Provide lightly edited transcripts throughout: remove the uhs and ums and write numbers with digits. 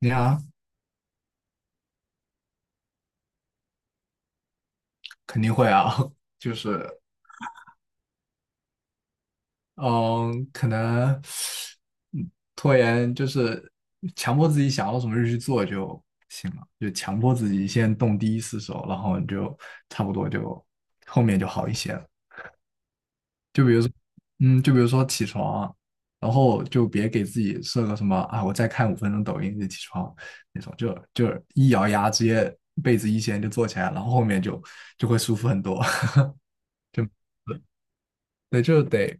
你啊，肯定会啊，就是嗯，可能嗯拖延就是强迫自己想要什么就去做就行了，就强迫自己先动第一次手，然后你就差不多就后面就好一些了。就比如说，就比如说起床啊，然后就别给自己设个什么啊，我再看5分钟抖音就起床那种，就一咬牙直接被子一掀就坐起来，然后后面就会舒服很多。就对，就得。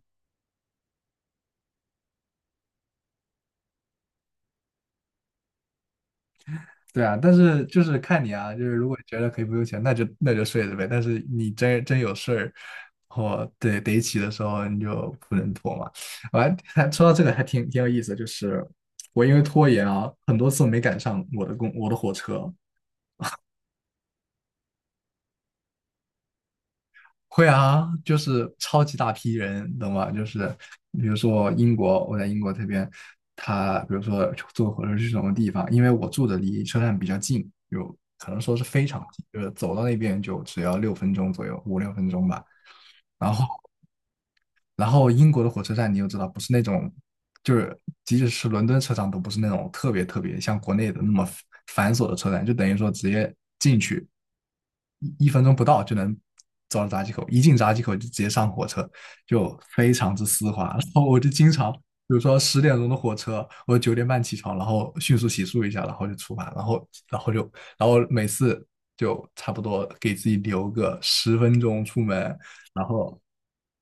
对啊，但是就是看你啊，就是如果觉得可以不用钱，那就睡着呗。但是你真有事儿，或对得起的时候，你就不能拖嘛。我还说到这个还挺有意思的，就是我因为拖延啊，很多次没赶上我的我的火车。会啊，就是超级大批人，懂吗？就是比如说英国，我在英国这边，他比如说坐火车去什么地方，因为我住的离车站比较近，有可能说是非常近，就是走到那边就只要六分钟左右，5、6分钟吧。然后，英国的火车站你又知道，不是那种，就是即使是伦敦车站都不是那种特别特别像国内的那么繁琐的车站，就等于说直接去，一分钟不到就能走到闸机口，一进闸机口就直接上火车，就非常之丝滑。然后我就经常，比如说10点钟的火车，我9点半起床，然后迅速洗漱一下，然后就出发，然后然后就然后每次就差不多给自己留个10分钟出门，然后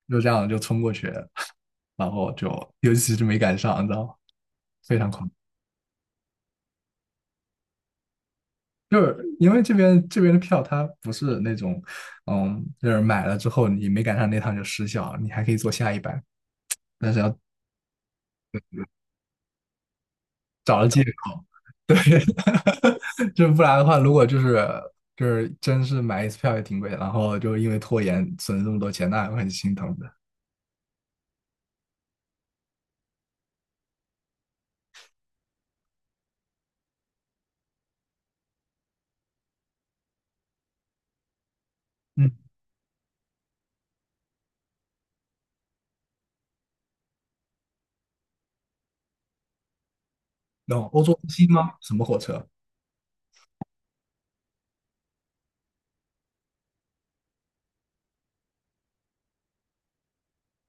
就这样就冲过去，然后就尤其是没赶上，你知道吗？非常快。就是因为这边的票它不是那种，就是买了之后你没赶上那趟就失效，你还可以坐下一班，但是要。找了借口，对。就不然的话，如果就是真是买一次票也挺贵，然后就因为拖延损失这么多钱，那还会很心疼的。嗯，那欧洲之星吗？什么火车？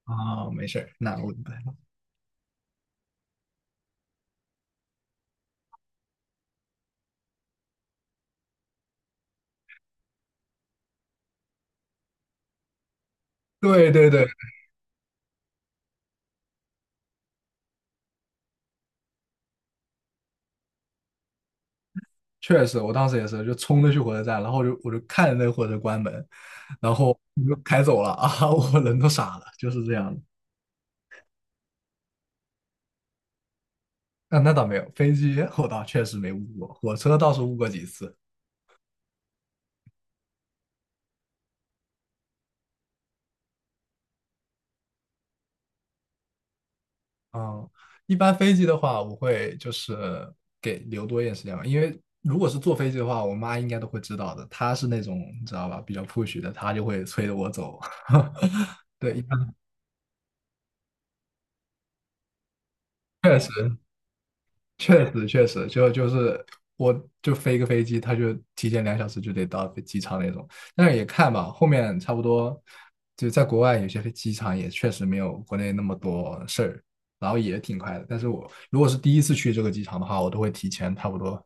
啊，没事儿，那我明白了。对对对。确实，我当时也是，就冲着去火车站，然后我就看着那个火车关门，然后我就开走了啊，我人都傻了，就是这样的。那倒没有，飞机我倒确实没误过，火车倒是误过几次。嗯，一般飞机的话，我会就是给留多一点时间吧，因为如果是坐飞机的话，我妈应该都会知道的，她是那种你知道吧，比较 push 的，她就会催着我走。对，一般确实。确实，就是我就飞一个飞机，他就提前2小时就得到飞机场那种。但是也看吧，后面差不多就在国外有些飞机场也确实没有国内那么多事儿，然后也挺快的。但是我如果是第一次去这个机场的话，我都会提前差不多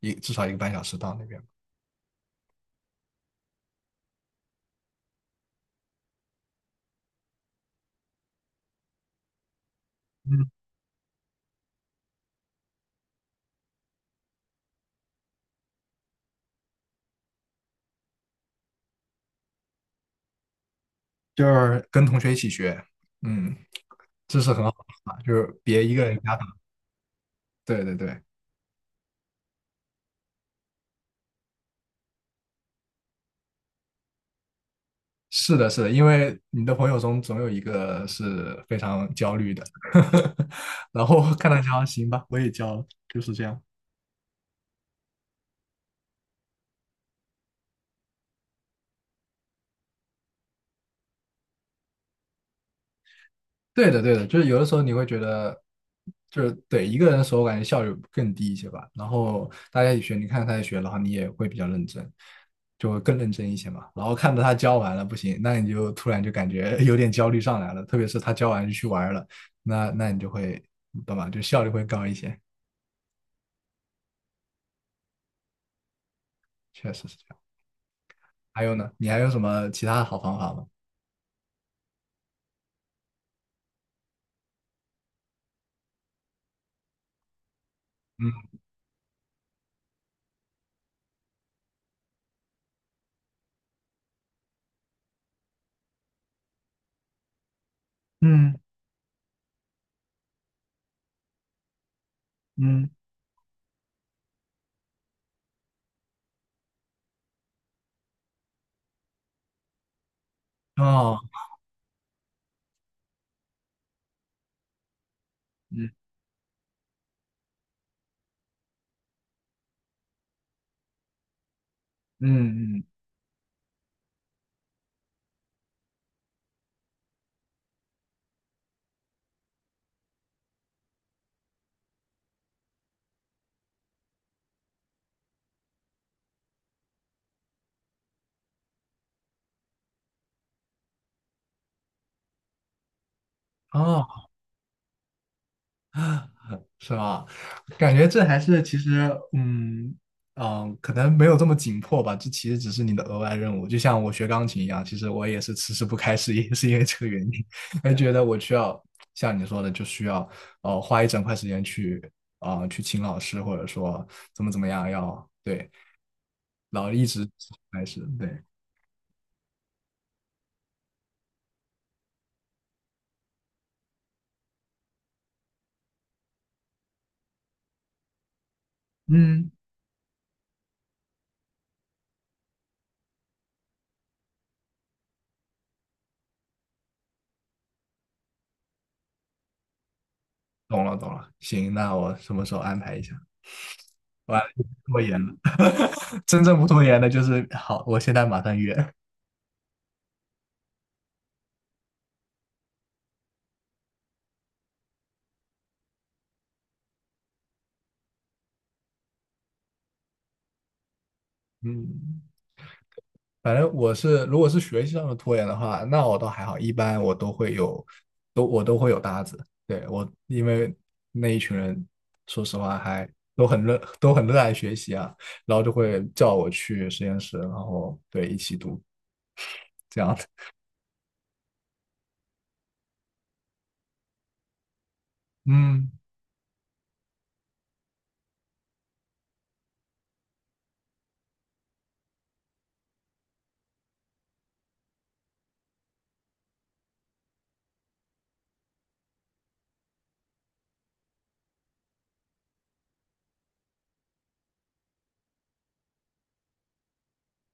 至少1个半小时到那边。嗯，就是跟同学一起学。嗯，这是很好的方法，就是别一个人瞎打。对对对。是的，是的，因为你的朋友中总有一个是非常焦虑的，然后看他焦，行吧，我也焦了，就是这样。对的，对的，就是有的时候你会觉得，就是对一个人的时候，我感觉效率更低一些吧。然后大家一起学，你看他在学，然后你也会比较认真，就会更认真一些嘛。然后看到他教完了不行，那你就突然就感觉有点焦虑上来了，特别是他教完就去玩儿了，那那你就会，你懂吧？就效率会高一些，确实是这样。还有呢？你还有什么其他的好方法吗？嗯。嗯嗯。哦。嗯嗯嗯。哦，是吧？感觉这还是其实，可能没有这么紧迫吧。这其实只是你的额外任务，就像我学钢琴一样，其实我也是迟迟不开始，也是因为这个原因，还觉得我需要像你说的，就需要花一整块时间去去请老师，或者说怎么怎么样要对，然后一直开始对。嗯。懂了懂了，行，那我什么时候安排一下？完了，拖延了。真正不拖延的就是好，我现在马上约。嗯，反正我是，如果是学习上的拖延的话，那我倒还好，一般我都会有，我都会有搭子。对，我，因为那一群人，说实话还都很热爱学习啊，然后就会叫我去实验室，然后，对，一起读，这样的。嗯。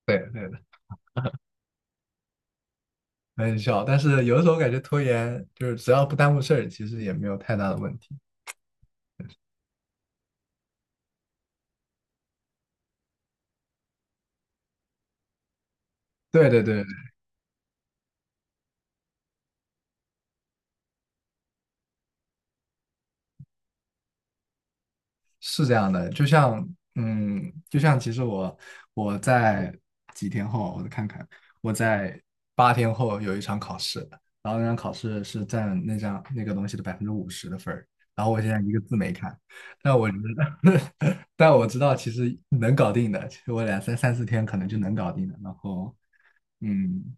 对对。很小，但是有的时候感觉拖延就是只要不耽误事儿，其实也没有太大的问题。对对对，是这样的。就像嗯，其实我在几天后，我看看，我在8天后有一场考试，然后那场考试是占那张那个东西的50%的分儿，然后我现在一个字没看，但我觉得 但我知道其实能搞定的，其实我三四天可能就能搞定的，然后嗯，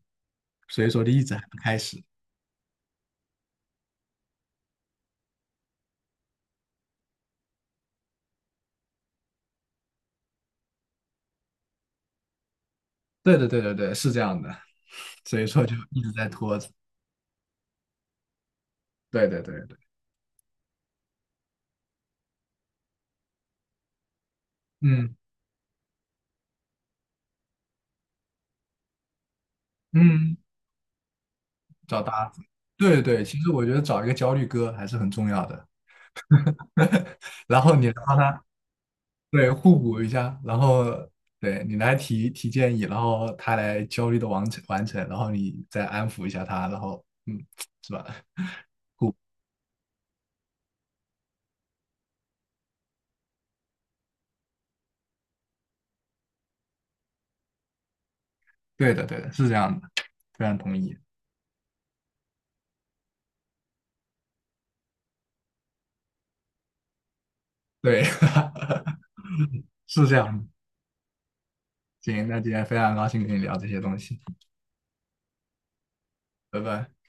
所以说就一直还不开始。对对对对对，是这样的，所以说就一直在拖着。对对对对。嗯嗯。找搭子。对对，其实我觉得找一个焦虑哥还是很重要的。然后你来帮他，对，互补一下，然后，对，你来提提建议，然后他来焦虑的完成完成，然后你再安抚一下他，然后是吧？对的对的，是这样的，非常同意。对。是这样的。行，那今天非常高兴跟你聊这些东西，拜拜。